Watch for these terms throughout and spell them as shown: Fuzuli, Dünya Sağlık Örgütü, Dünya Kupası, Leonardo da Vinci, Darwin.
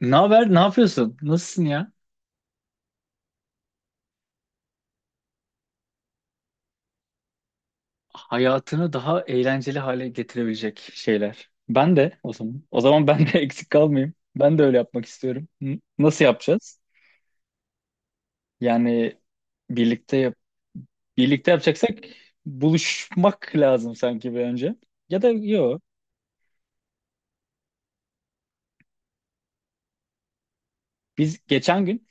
Ne haber? Ne yapıyorsun? Nasılsın ya? Hayatını daha eğlenceli hale getirebilecek şeyler. Ben de o zaman. O zaman ben de eksik kalmayayım. Ben de öyle yapmak istiyorum. Hı? Nasıl yapacağız? Yani birlikte yap birlikte yapacaksak buluşmak lazım sanki bir önce. Ya da yok. Biz geçen gün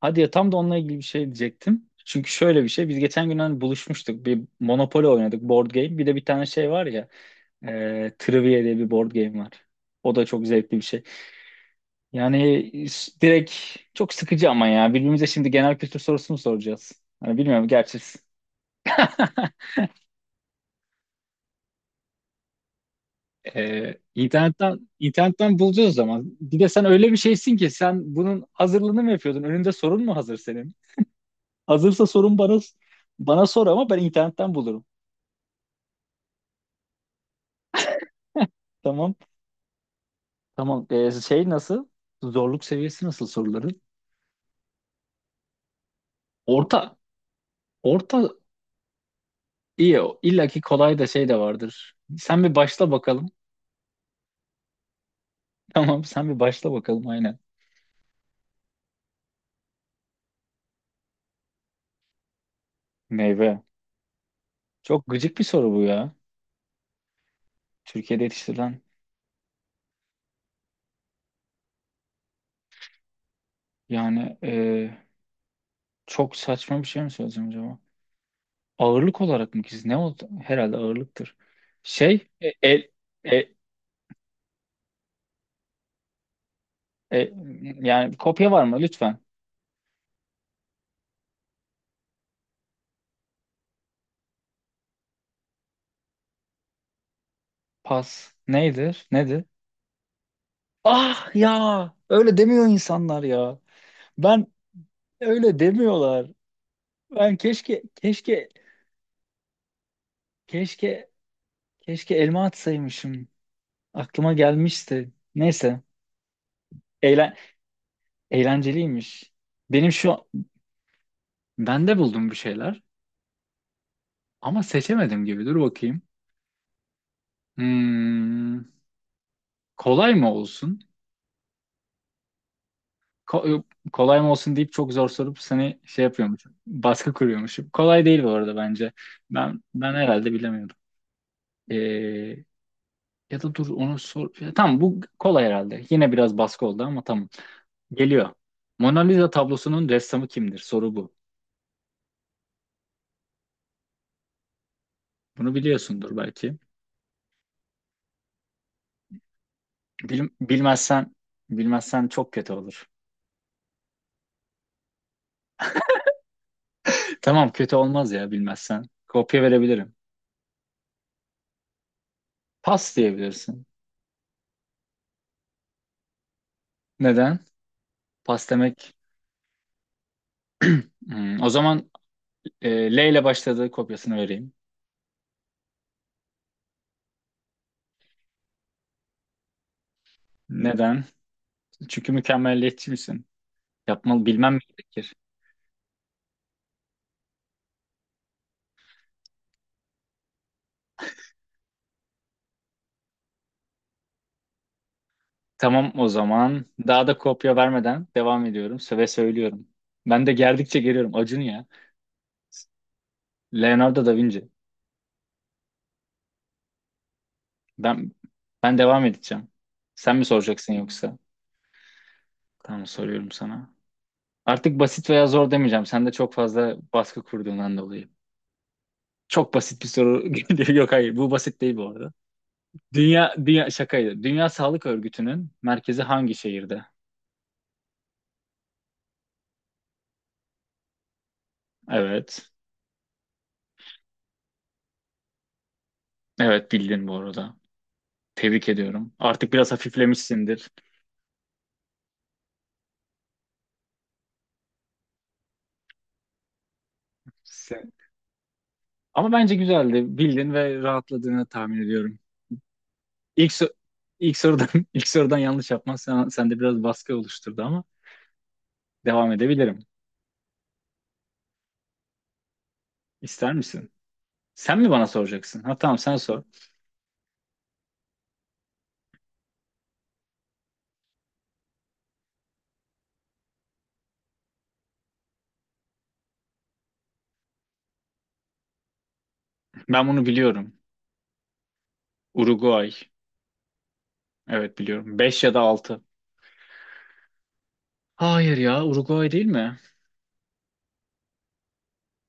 Hadi ya, tam da onunla ilgili bir şey diyecektim. Çünkü şöyle bir şey. Biz geçen gün hani buluşmuştuk. Bir Monopoly oynadık. Board game. Bir de bir tane şey var ya. Trivia diye bir board game var. O da çok zevkli bir şey. Yani direkt çok sıkıcı ama ya. Birbirimize şimdi genel kültür sorusunu soracağız. Hani bilmiyorum gerçi. Internetten bulacağız o zaman. Bir de sen öyle bir şeysin ki sen bunun hazırlığını mı yapıyordun? Önünde sorun mu hazır senin? Hazırsa sorun bana sor ama ben internetten bulurum. Tamam. Tamam. Şey nasıl? Zorluk seviyesi nasıl soruların? Orta. Orta. İyi o. İlla ki kolay da şey de vardır. Sen bir başla bakalım. Tamam sen bir başla bakalım aynen. Meyve. Çok gıcık bir soru bu ya. Türkiye'de yetiştirilen, yani çok saçma bir şey mi söyleyeceğim acaba? Ağırlık olarak mı ki? Ne oldu? Herhalde ağırlıktır. Şey e, el e, e, Yani kopya var mı lütfen? Pas. Neydir? Nedir? Ah ya, öyle demiyor insanlar ya. Ben öyle demiyorlar. Ben keşke keşke keşke Keşke elma atsaymışım. Aklıma gelmişti. Neyse. Eğlen Eğlenceliymiş. Benim şu Ben de buldum bir şeyler ama seçemedim gibi. Dur bakayım. Hmm, Kolay mı olsun? Ko- kolay mı olsun deyip çok zor sorup seni şey yapıyormuşum. Baskı kuruyormuşum. Kolay değil bu arada bence. Ben herhalde bilemiyordum. Ee, Ya da dur, onu sor. Ya, tamam, bu kolay herhalde. Yine biraz baskı oldu ama tamam. Geliyor. Mona Lisa tablosunun ressamı kimdir? Soru bu. Bunu biliyorsundur belki. Bil- bilmezsen bilmezsen çok kötü olur. Tamam, kötü olmaz ya bilmezsen. Kopya verebilirim. Pas diyebilirsin. Neden? Pas demek. O zaman e, L ile başladığı kopyasını vereyim. Neden? Çünkü mükemmelliyetçi misin? Yapmalı bilmem mi gerekir? Tamam o zaman. Daha da kopya vermeden devam ediyorum. Söylüyorum. Ben de gerdikçe geliyorum. Acun ya. Leonardo da Vinci. Ben ben devam edeceğim. Sen mi soracaksın yoksa? Tamam, soruyorum sana. Artık basit veya zor demeyeceğim. Sen de çok fazla baskı kurduğundan dolayı. Çok basit bir soru geliyor. Yok, hayır, bu basit değil bu arada. Dünya şakaydı. Dünya Sağlık Örgütü'nün merkezi hangi şehirde? Evet. Evet, bildin bu arada. Tebrik ediyorum. Artık biraz hafiflemişsindir. Sen- Ama bence güzeldi. Bildin ve rahatladığını tahmin ediyorum. İlk, so- ilk sorudan ilk sorudan yanlış yapman, sen, sende biraz baskı oluşturdu ama devam edebilirim. İster misin? Sen mi bana soracaksın? Ha, tamam, sen sor. Ben bunu biliyorum. Uruguay. Evet, biliyorum. 5 ya da 6. Hayır ya, Uruguay değil mi?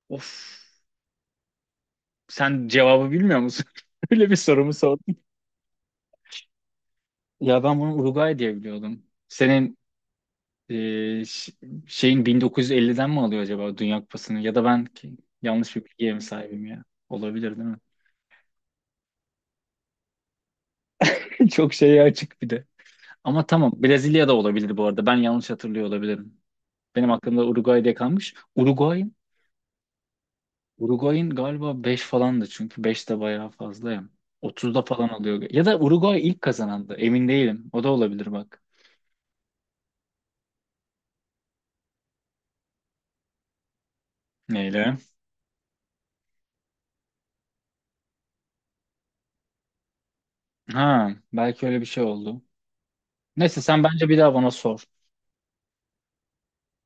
Of. Sen cevabı bilmiyor musun? Öyle bir sorumu sordun. Ya ben bunu Uruguay diye biliyordum. Senin e, ş- şeyin 1950'den mi alıyor acaba Dünya Kupası'nı? Ya da ben yanlış bir bilgiye mi sahibim ya? Olabilir değil mi? Çok şeye açık bir de. Ama tamam, Brezilya da olabilir bu arada. Ben yanlış hatırlıyor olabilirim. Benim aklımda Uruguay diye kalmış. Uruguay'ın galiba 5 falandı çünkü 5 de bayağı fazla ya. 30'da falan alıyor. Ya da Uruguay ilk kazanandı. Emin değilim. O da olabilir bak. Neyle? Ha, belki öyle bir şey oldu. Neyse, sen bence bir daha bana sor.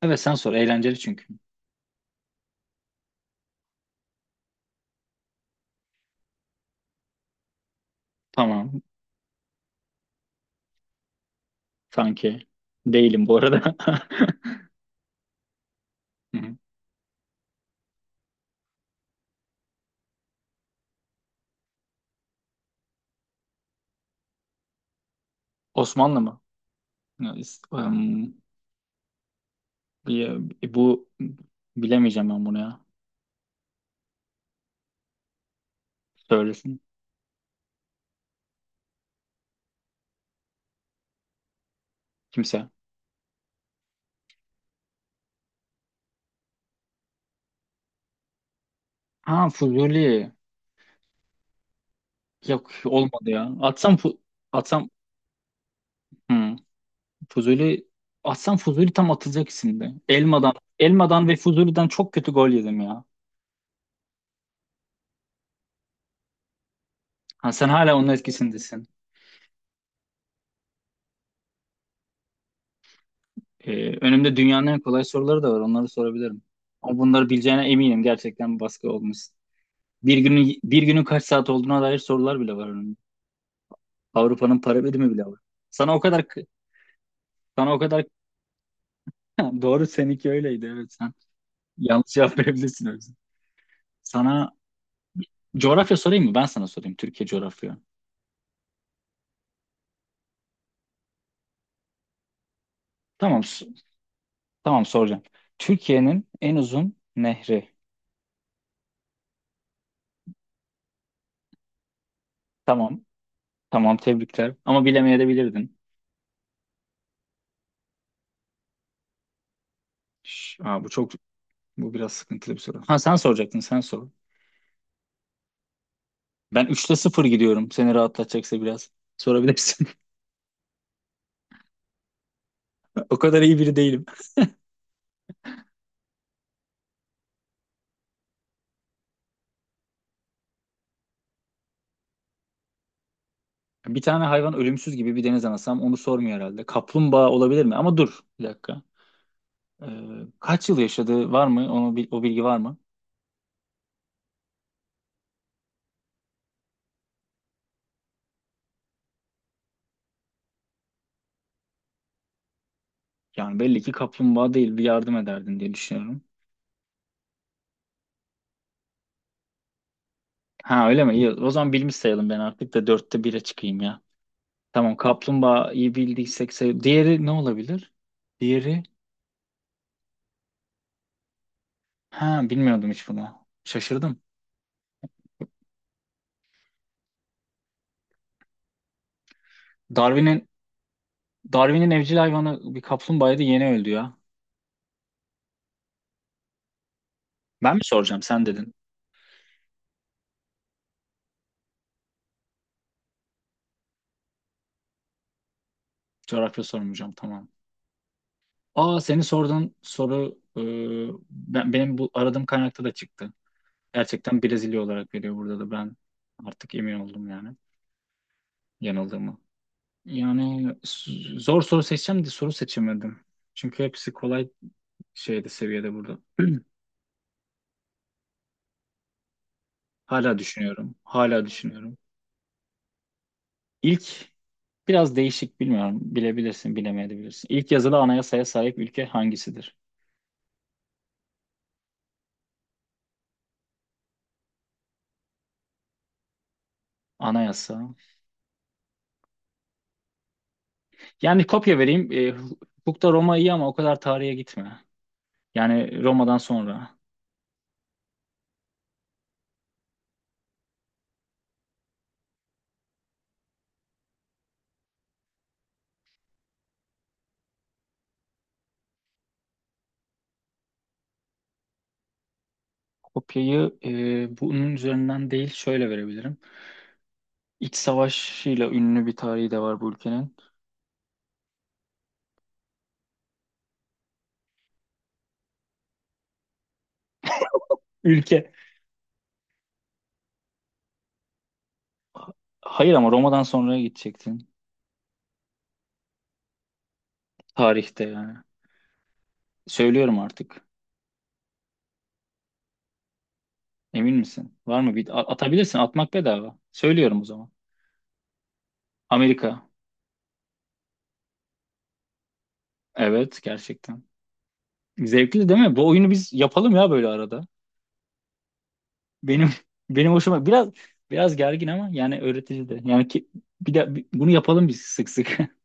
Evet sen sor. Eğlenceli çünkü. Tamam. Sanki. Değilim bu arada. Hı hı. Osmanlı mı? Ya, is- em, bir- bu bilemeyeceğim ben bunu ya. Söylesin kimse. Ha, Fuzuli. Yok, olmadı ya. Atsam Hı. Fuzuli Fuzuli tam atılacak isimdi. Elmadan ve Fuzuli'den çok kötü gol yedim ya. Ha, sen hala onun etkisindesin. Önümde dünyanın en kolay soruları da var. Onları sorabilirim. Ama bunları bileceğine eminim. Gerçekten bir baskı olmuş. Bir günün kaç saat olduğuna dair sorular bile var önümde. Avrupa'nın para birimi bile var. Sana o kadar k- sana o kadar Doğru, seninki öyleydi. Evet sen yanlış cevap verebilirsin o yüzden. Sana coğrafya sorayım mı? Ben sana sorayım. Türkiye coğrafya. Tamam. Tamam, soracağım. Türkiye'nin en uzun nehri. Tamam. Tamam, tebrikler. Ama bilemeyebilirdin. Aa, bu biraz sıkıntılı bir soru. Ha, sen soracaktın, sen sor. Ben üçte sıfır gidiyorum. Seni rahatlatacaksa biraz. Sorabilirsin. O kadar iyi biri değilim. Bir tane hayvan ölümsüz gibi, bir deniz anası, onu sormuyor herhalde. Kaplumbağa olabilir mi? Ama dur bir dakika. Ee, Kaç yıl yaşadığı var mı? Onu, o bilgi var mı? Yani belli ki kaplumbağa değil, bir yardım ederdin diye düşünüyorum. Ha öyle mi? İyi. O zaman bilmiş sayalım, ben artık da dörtte bire çıkayım ya. Tamam, kaplumbağayı bildiysek diğeri ne olabilir? Diğeri ha, bilmiyordum hiç bunu. Şaşırdım. Darwin'in Darwin'in evcil hayvanı bir kaplumbağaydı, yeni öldü ya. Ben mi soracağım, sen dedin. Coğrafya sormayacağım, tamam. Aa, senin sorduğun soru, benim bu aradığım kaynakta da çıktı. Gerçekten Brezilya olarak veriyor burada da, ben artık emin oldum yani yanıldığımı. Yani zor soru seçeceğim de soru seçemedim. Çünkü hepsi kolay şeyde, seviyede burada. Hala düşünüyorum. Hala düşünüyorum. İlk Biraz değişik, bilmiyorum. Bilebilirsin, bilemeyebilirsin. İlk yazılı anayasaya sahip ülke hangisidir? Anayasa. Yani kopya vereyim. Hukukta Roma iyi ama o kadar tarihe gitme. Yani Roma'dan sonra. Kopyayı bunun üzerinden değil, şöyle verebilirim. İç savaşıyla ünlü bir tarihi de var bu ülkenin. Ülke. Hayır, ama Roma'dan sonraya gidecektin. Tarihte yani. Söylüyorum artık. Emin misin? Var mı? Bir atabilirsin. Atmak bedava. Söylüyorum o zaman. Amerika. Evet, gerçekten. Zevkli değil mi? Bu oyunu biz yapalım ya böyle arada. Benim benim hoşuma biraz gergin ama yani öğretici de. Yani ki, bir de bunu yapalım biz sık sık.